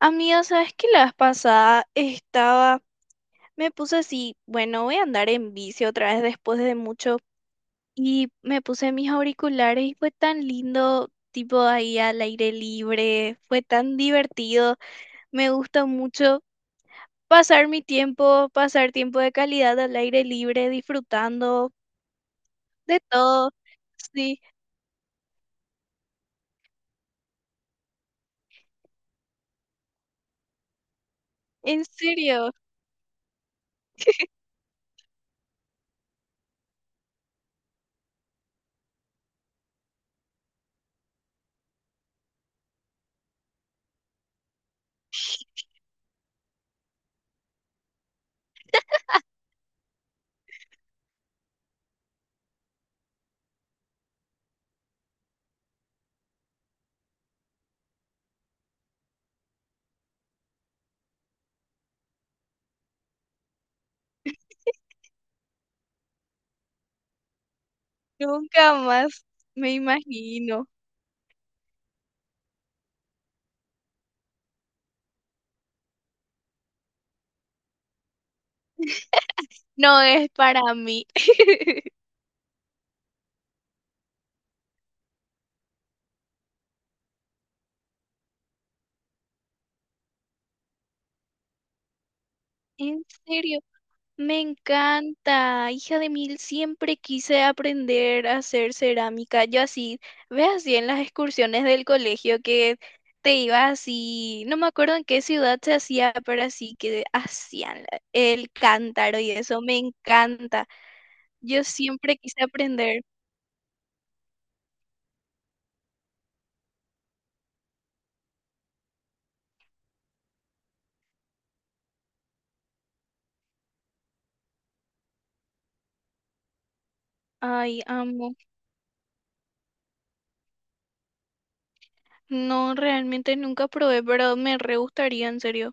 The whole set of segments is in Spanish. Amiga, ¿sabes qué? La vez pasada estaba, me puse así, bueno, voy a andar en bici otra vez después de mucho y me puse mis auriculares y fue tan lindo, tipo ahí al aire libre, fue tan divertido, me gusta mucho pasar mi tiempo, pasar tiempo de calidad al aire libre, disfrutando de todo. Sí, en serio, nunca más me imagino. No es para mí. En serio. Me encanta, hija de mil, siempre quise aprender a hacer cerámica. Yo así, ve así en las excursiones del colegio que te ibas así, no me acuerdo en qué ciudad se hacía, pero así que hacían la- el cántaro y eso, me encanta. Yo siempre quise aprender. Ay, amo. No, realmente nunca probé, pero me re gustaría, en serio.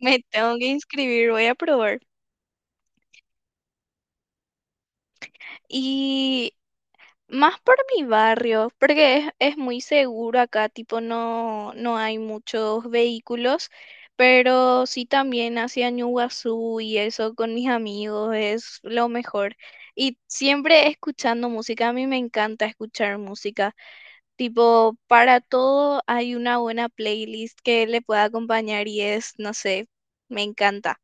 Me tengo que inscribir, voy a probar. Y más por mi barrio, porque es muy seguro acá, tipo no, no hay muchos vehículos, pero sí también hacia Ñuguazú y eso con mis amigos es lo mejor. Y siempre escuchando música, a mí me encanta escuchar música, tipo para todo hay una buena playlist que le pueda acompañar y es, no sé, me encanta.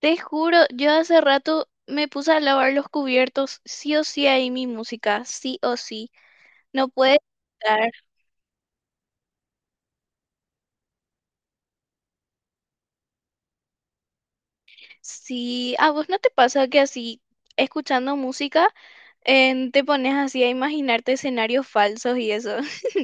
Te juro, yo hace rato me puse a lavar los cubiertos, sí o sí ahí mi música, sí o sí, no puede estar. Sí, ¿a vos no te pasa que así, escuchando música, te pones así a imaginarte escenarios falsos y eso?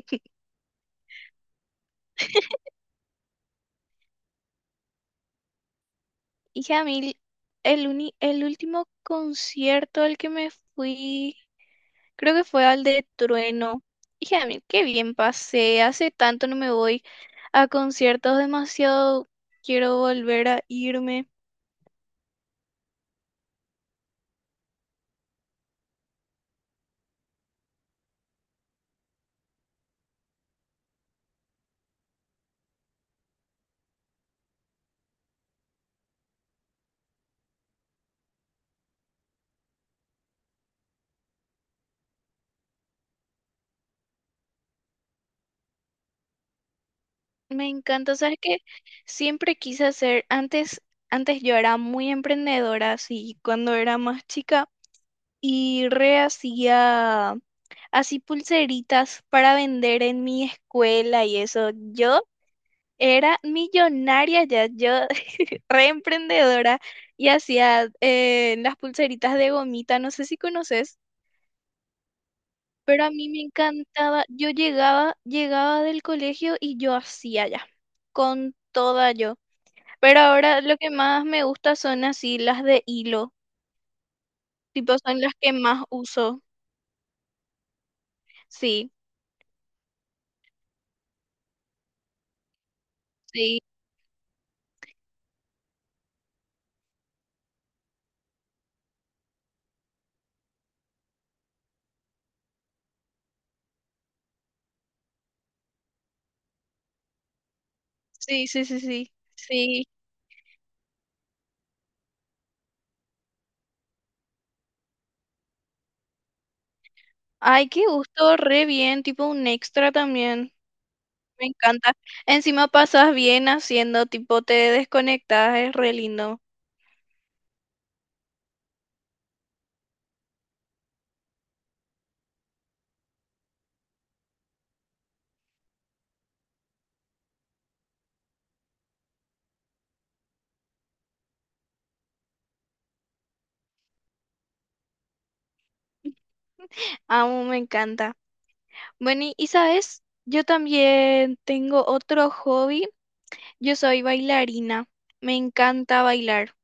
Y a mí, el, uni- el último concierto al que me fui, creo que fue al de Trueno. Y a mí, qué bien pasé, hace tanto no me voy a conciertos, demasiado quiero volver a irme. Me encanta, sabes que siempre quise hacer, antes, antes yo era muy emprendedora, así, cuando era más chica, y re hacía así pulseritas para vender en mi escuela y eso. Yo era millonaria ya, yo re emprendedora y hacía las pulseritas de gomita, no sé si conoces, pero a mí me encantaba, yo llegaba, llegaba del colegio y yo hacía ya, con toda yo. Pero ahora lo que más me gusta son así las de hilo, tipo son las que más uso. Sí, sí, sí, sí, sí, sí, sí. Ay, qué gusto, re bien, tipo un extra también. Me encanta. Encima pasas bien haciendo, tipo te desconectas, es re lindo. Amo, me encanta. Bueno, y sabes, yo también tengo otro hobby. Yo soy bailarina. Me encanta bailar.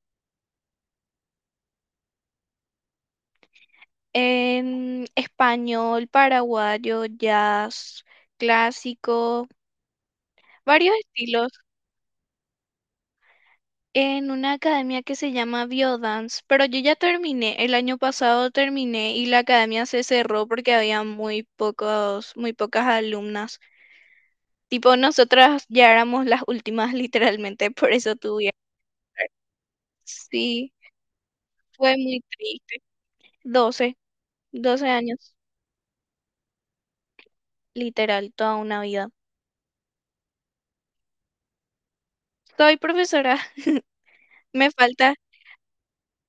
En español, paraguayo, jazz, clásico, varios estilos en una academia que se llama Biodance, pero yo ya terminé, el año pasado terminé y la academia se cerró porque había muy pocos, muy pocas alumnas. Tipo, nosotras ya éramos las últimas literalmente, por eso tuve. Sí, fue muy triste. 12 12 años, literal, toda una vida. Soy profesora, me falta,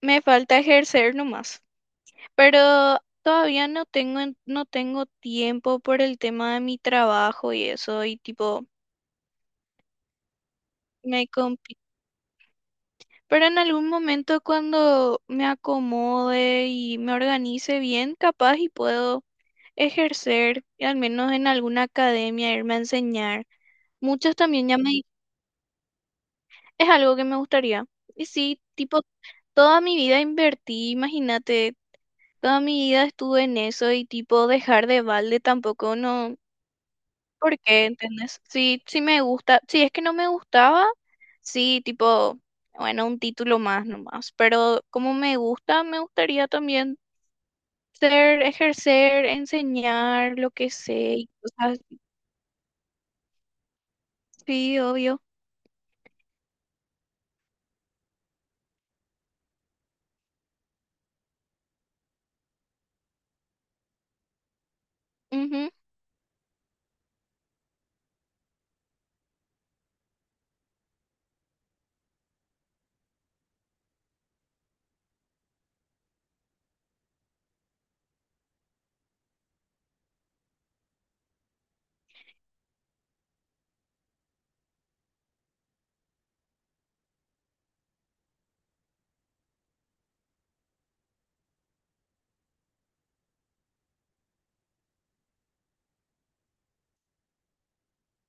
me falta ejercer nomás. Pero todavía no tengo, en- no tengo tiempo por el tema de mi trabajo y eso, y tipo, me compi- Pero en algún momento cuando me acomode y me organice bien, capaz y puedo ejercer, y al menos en alguna academia, irme a enseñar. Muchos también ya me... di- Es algo que me gustaría. Y sí, tipo, toda mi vida invertí, imagínate, toda mi vida estuve en eso y tipo, dejar de balde tampoco no. ¿Por qué? ¿Entendés? Sí, sí me gusta. Si es que no me gustaba, sí, tipo, bueno, un título más nomás. Pero como me gusta, me gustaría también ser, ejercer, enseñar lo que sé y cosas así. Sí, obvio. Ujú.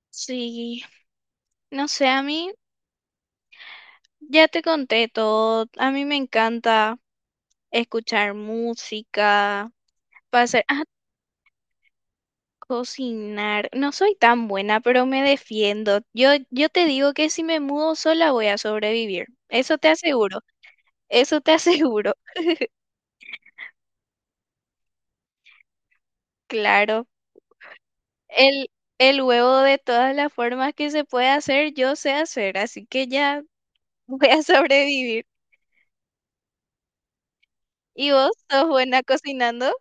Sí, no sé, a mí ya te conté todo. A mí me encanta escuchar música, pasar. Cocinar. No soy tan buena, pero me defiendo. Yo te digo que si me mudo sola voy a sobrevivir. Eso te aseguro. Eso te aseguro. Claro. El, el huevo de todas las formas que se puede hacer, yo sé hacer. Así que ya voy a sobrevivir. ¿Y vos sos buena cocinando?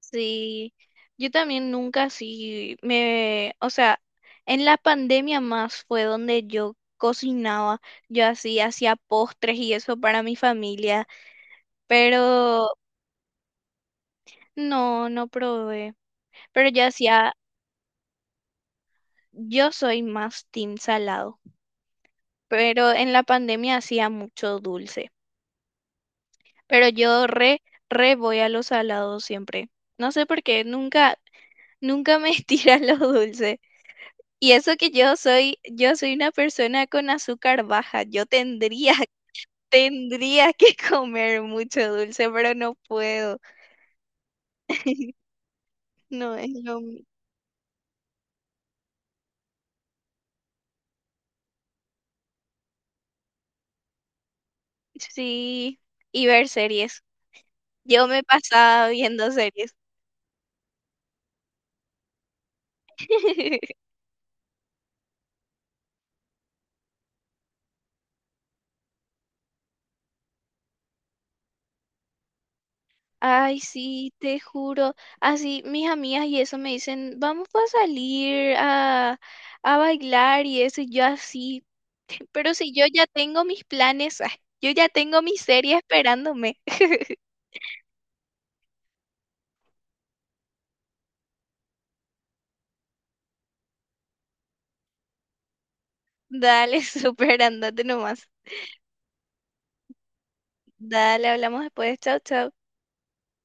Sí, yo también nunca sí me, o sea, en la pandemia más fue donde yo cocinaba, yo así hacía postres y eso para mi familia, pero no, no probé, pero yo hacía, yo soy más team salado, pero en la pandemia hacía mucho dulce, pero yo re, re voy a los salados siempre, no sé por qué, nunca, nunca me tiran los dulces. Y eso que yo soy una persona con azúcar baja. Yo tendría, tendría que comer mucho dulce, pero no puedo. No es lo mío. Sí, y ver series. Yo me pasaba viendo series. Ay, sí, te juro. Así mis amigas y eso me dicen, vamos a salir a bailar y eso, y yo así. Pero si yo ya tengo mis planes, ah, yo ya tengo mi serie esperándome. Dale, súper, andate nomás. Dale, hablamos después. Chau, chau.